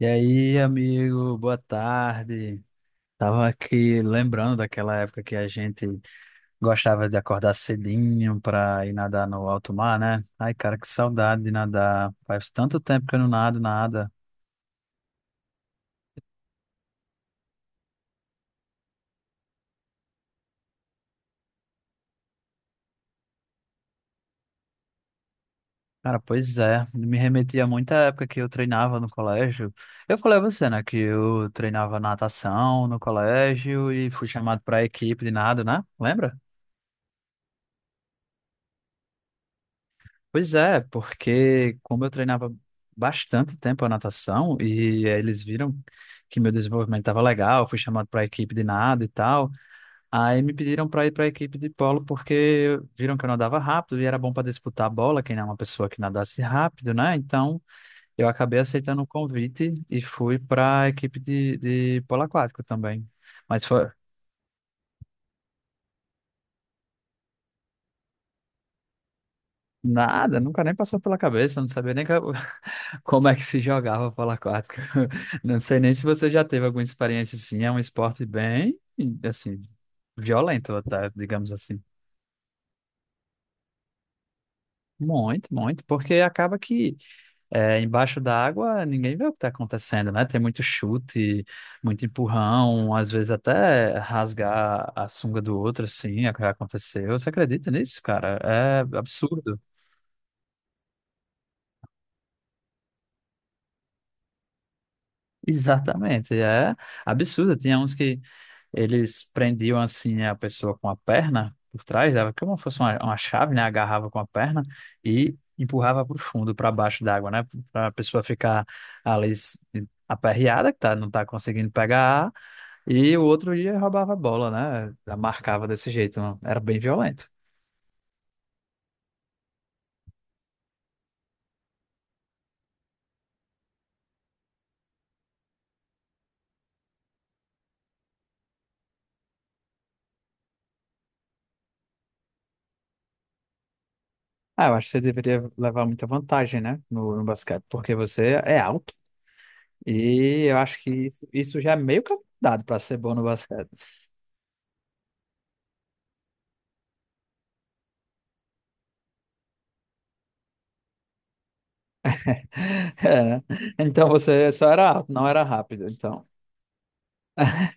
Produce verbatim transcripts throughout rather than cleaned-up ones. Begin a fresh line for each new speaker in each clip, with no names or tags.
E aí, amigo, boa tarde. Tava aqui lembrando daquela época que a gente gostava de acordar cedinho para ir nadar no alto mar, né? Ai, cara, que saudade de nadar. Faz tanto tempo que eu não nado nada. Cara, pois é, me remetia muito à época que eu treinava no colégio. Eu falei a você, né, que eu treinava natação no colégio e fui chamado para a equipe de nado, né? Lembra? Pois é, porque como eu treinava bastante tempo a natação e eh, eles viram que meu desenvolvimento estava legal, fui chamado para a equipe de nado e tal, aí me pediram para ir para a equipe de polo porque viram que eu nadava rápido e era bom para disputar a bola, quem é uma pessoa que nadasse rápido, né? Então eu acabei aceitando o convite e fui para a equipe de, de polo aquático também. Mas foi. Nada, nunca nem passou pela cabeça, não sabia nem que- como é que se jogava polo aquático. Não sei nem se você já teve alguma experiência assim, é um esporte bem, assim, violento, tá? Digamos assim. Muito, muito, porque acaba que é, embaixo da água ninguém vê o que está acontecendo, né? Tem muito chute, muito empurrão, às vezes até rasgar a sunga do outro, assim, é o que aconteceu. Você acredita nisso, cara? É absurdo. Exatamente, é absurdo. Tinha uns que eles prendiam assim a pessoa com a perna por trás, dava como se fosse uma, uma chave, né? Agarrava com a perna e empurrava para o fundo, para baixo d'água, né? Para a pessoa ficar ali s- aperreada, que tá, não tá conseguindo pegar ar, e o outro ia roubava a bola, né? Já marcava desse jeito, não- era bem violento. Ah, eu acho que você deveria levar muita vantagem, né? No, no basquete, porque você é alto e eu acho que isso, isso já é meio que um dado para ser bom no basquete. É, né? Então você só era alto, não era rápido, então.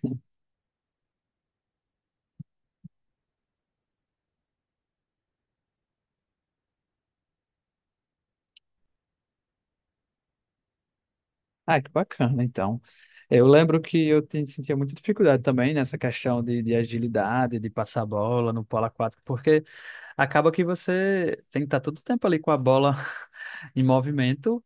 Ah, que bacana, então. Eu lembro que eu te- sentia muita dificuldade também nessa questão de, de agilidade, de passar a bola no polo aquático, porque acaba que você tem que estar todo o tempo ali com a bola em movimento,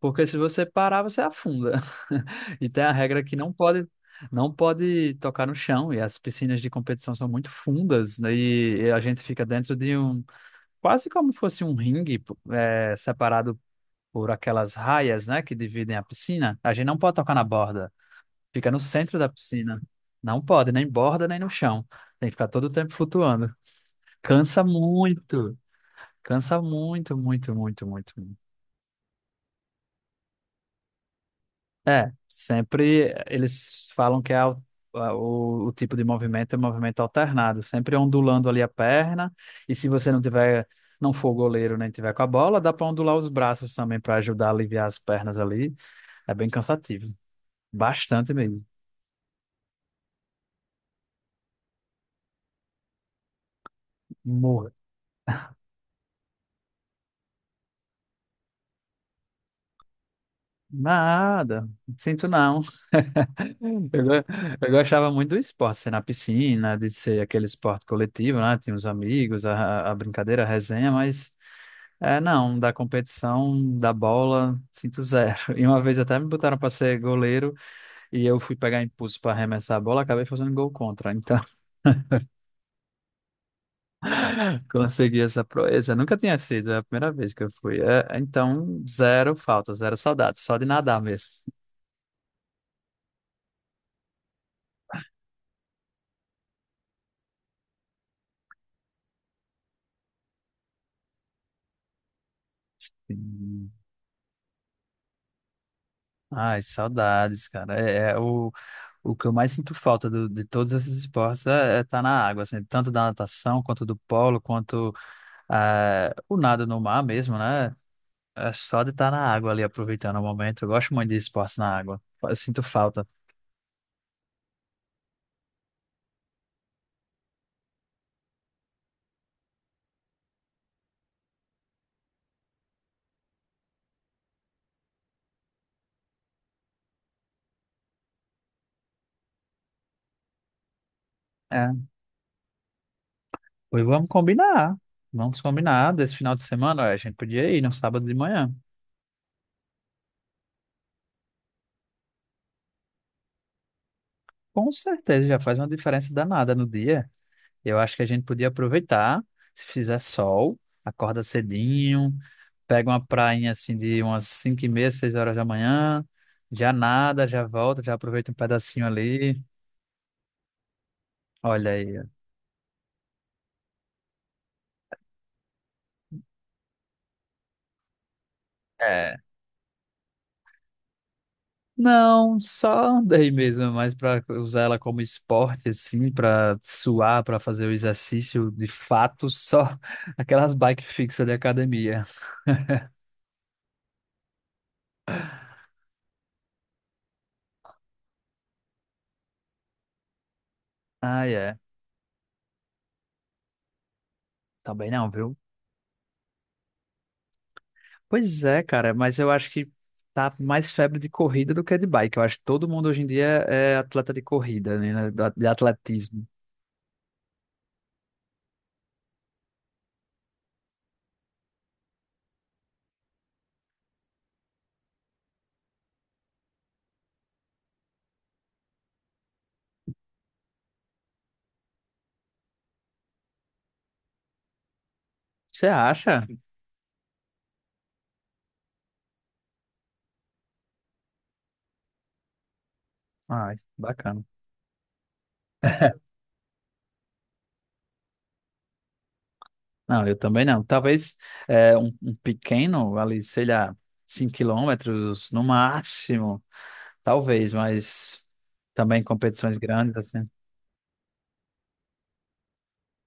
porque se você parar, você afunda. E tem a regra que não pode não pode tocar no chão, e as piscinas de competição são muito fundas, né, e a gente fica dentro de um quase como fosse um ringue, é, separado por aquelas raias, né, que dividem a piscina. A gente não pode tocar na borda, fica no centro da piscina. Não pode, nem borda, nem no chão. Tem que ficar todo o tempo flutuando. Cansa muito, cansa muito, muito, muito, muito. É, sempre eles falam que é al- a- o, o tipo de movimento é movimento alternado, sempre ondulando ali a perna, e se você não tiver, não for goleiro nem tiver com a bola, dá para ondular os braços também para ajudar a aliviar as pernas ali. É bem cansativo, bastante mesmo. Morra. Nada, sinto não. Eu, go- eu gostava muito do esporte, ser na piscina, de ser aquele esporte coletivo, né? Tinha os amigos, a, a brincadeira, a resenha, mas. É, não, da competição, da bola, sinto zero. E uma vez até me botaram para ser goleiro e eu fui pegar impulso para arremessar a bola, acabei fazendo gol contra. Então, consegui essa proeza. Nunca tinha sido, é a primeira vez que eu fui. É, então, zero falta, zero saudades, só de nadar mesmo. Hum. Ai, saudades, cara. É, é o, o que eu mais sinto falta do- de todos esses esportes é estar na água, assim, tanto da natação, quanto do polo, quanto ah, o nado no mar mesmo, né? É só de estar na água ali, aproveitando o momento. Eu gosto muito de esportes na água. Eu sinto falta. É. Pois vamos combinar. Vamos combinar. Desse final de semana, olha, a gente podia ir no sábado de manhã. Com certeza, já faz uma diferença danada no dia. Eu acho que a gente podia aproveitar. Se fizer sol, acorda cedinho, pega uma prainha assim de umas cinco e meia, seis horas da manhã. Já nada, já volta, já aproveita um pedacinho ali. Olha aí, ó. É, não, só andei mesmo, é mais para usar ela como esporte, assim, para suar, para fazer o exercício de fato, só aquelas bike fixas de academia. Ah, é. Também não, viu? Pois é, cara, mas eu acho que tá mais febre de corrida do que de bike. Eu acho que todo mundo hoje em dia é atleta de corrida, né? Né, da- de atletismo. Você acha? Ah, bacana. Não, eu também não. Talvez é, um, um pequeno, ali, sei lá, cinco quilômetros no máximo. Talvez, mas também competições grandes, assim.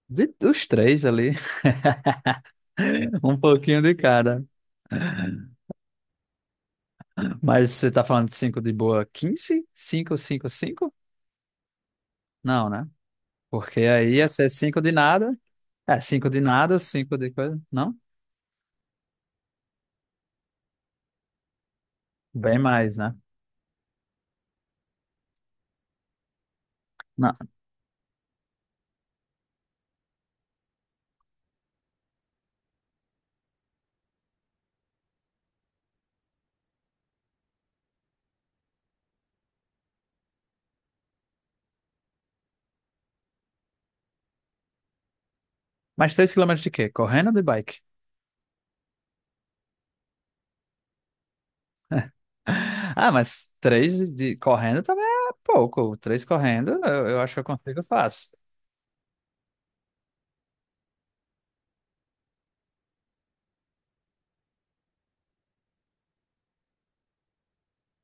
De, dos três ali, um pouquinho de cada. Mas você tá falando de cinco de boa, quinze, cinco, cinco, cinco? Não, né? Porque aí ia ser cinco de nada. É, cinco de nada, cinco de coisa. Não? Bem mais, né? Não. Mas três quilômetros de quê? Correndo ou de bike? Ah, mas três de correndo também é pouco. Três correndo, eu, eu acho que eu consigo, eu faço.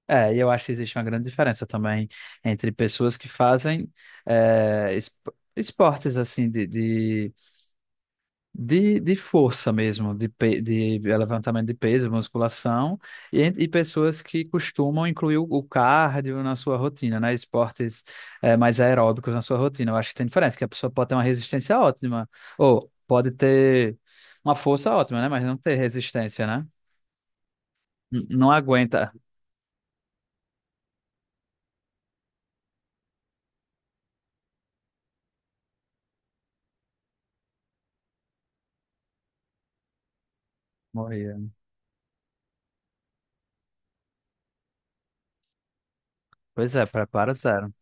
É, e eu acho que existe uma grande diferença também entre pessoas que fazem é, es- esportes assim de, de, de, de força mesmo, de, pe- de levantamento de peso, musculação, e, en- e pessoas que costumam incluir o, o cardio na sua rotina, né? Esportes é, mais aeróbicos na sua rotina. Eu acho que tem diferença, que a pessoa pode ter uma resistência ótima, ou pode ter uma força ótima, né? Mas não ter resistência, né? N- Não aguenta. Morrer. Pois é, prepara zero.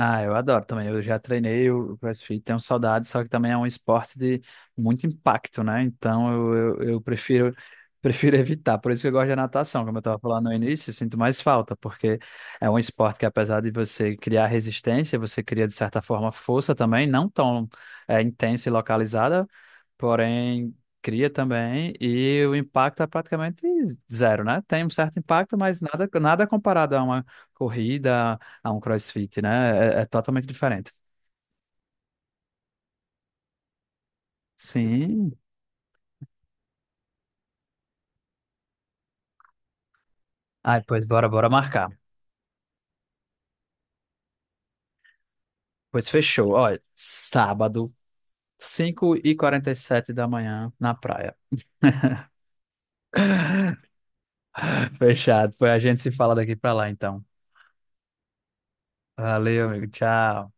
Ah, eu adoro também. Eu já treinei o o CrossFit, tenho saudade, só que também é um esporte de muito impacto, né? Então eu, eu, eu prefiro prefiro evitar. Por isso que eu gosto da natação, como eu estava falando no início, eu sinto mais falta, porque é um esporte que apesar de você criar resistência, você cria de certa forma força também, não tão é, intensa e localizada, porém cria também e o impacto é praticamente zero, né? Tem um certo impacto, mas nada nada comparado a uma corrida a um CrossFit, né? É, é totalmente diferente. Sim. Ai, pois bora, bora marcar. Pois fechou. Olha, sábado, cinco e quarenta e sete da manhã, na praia. Fechado. Pois a gente se fala daqui pra lá, então. Valeu, amigo. Tchau.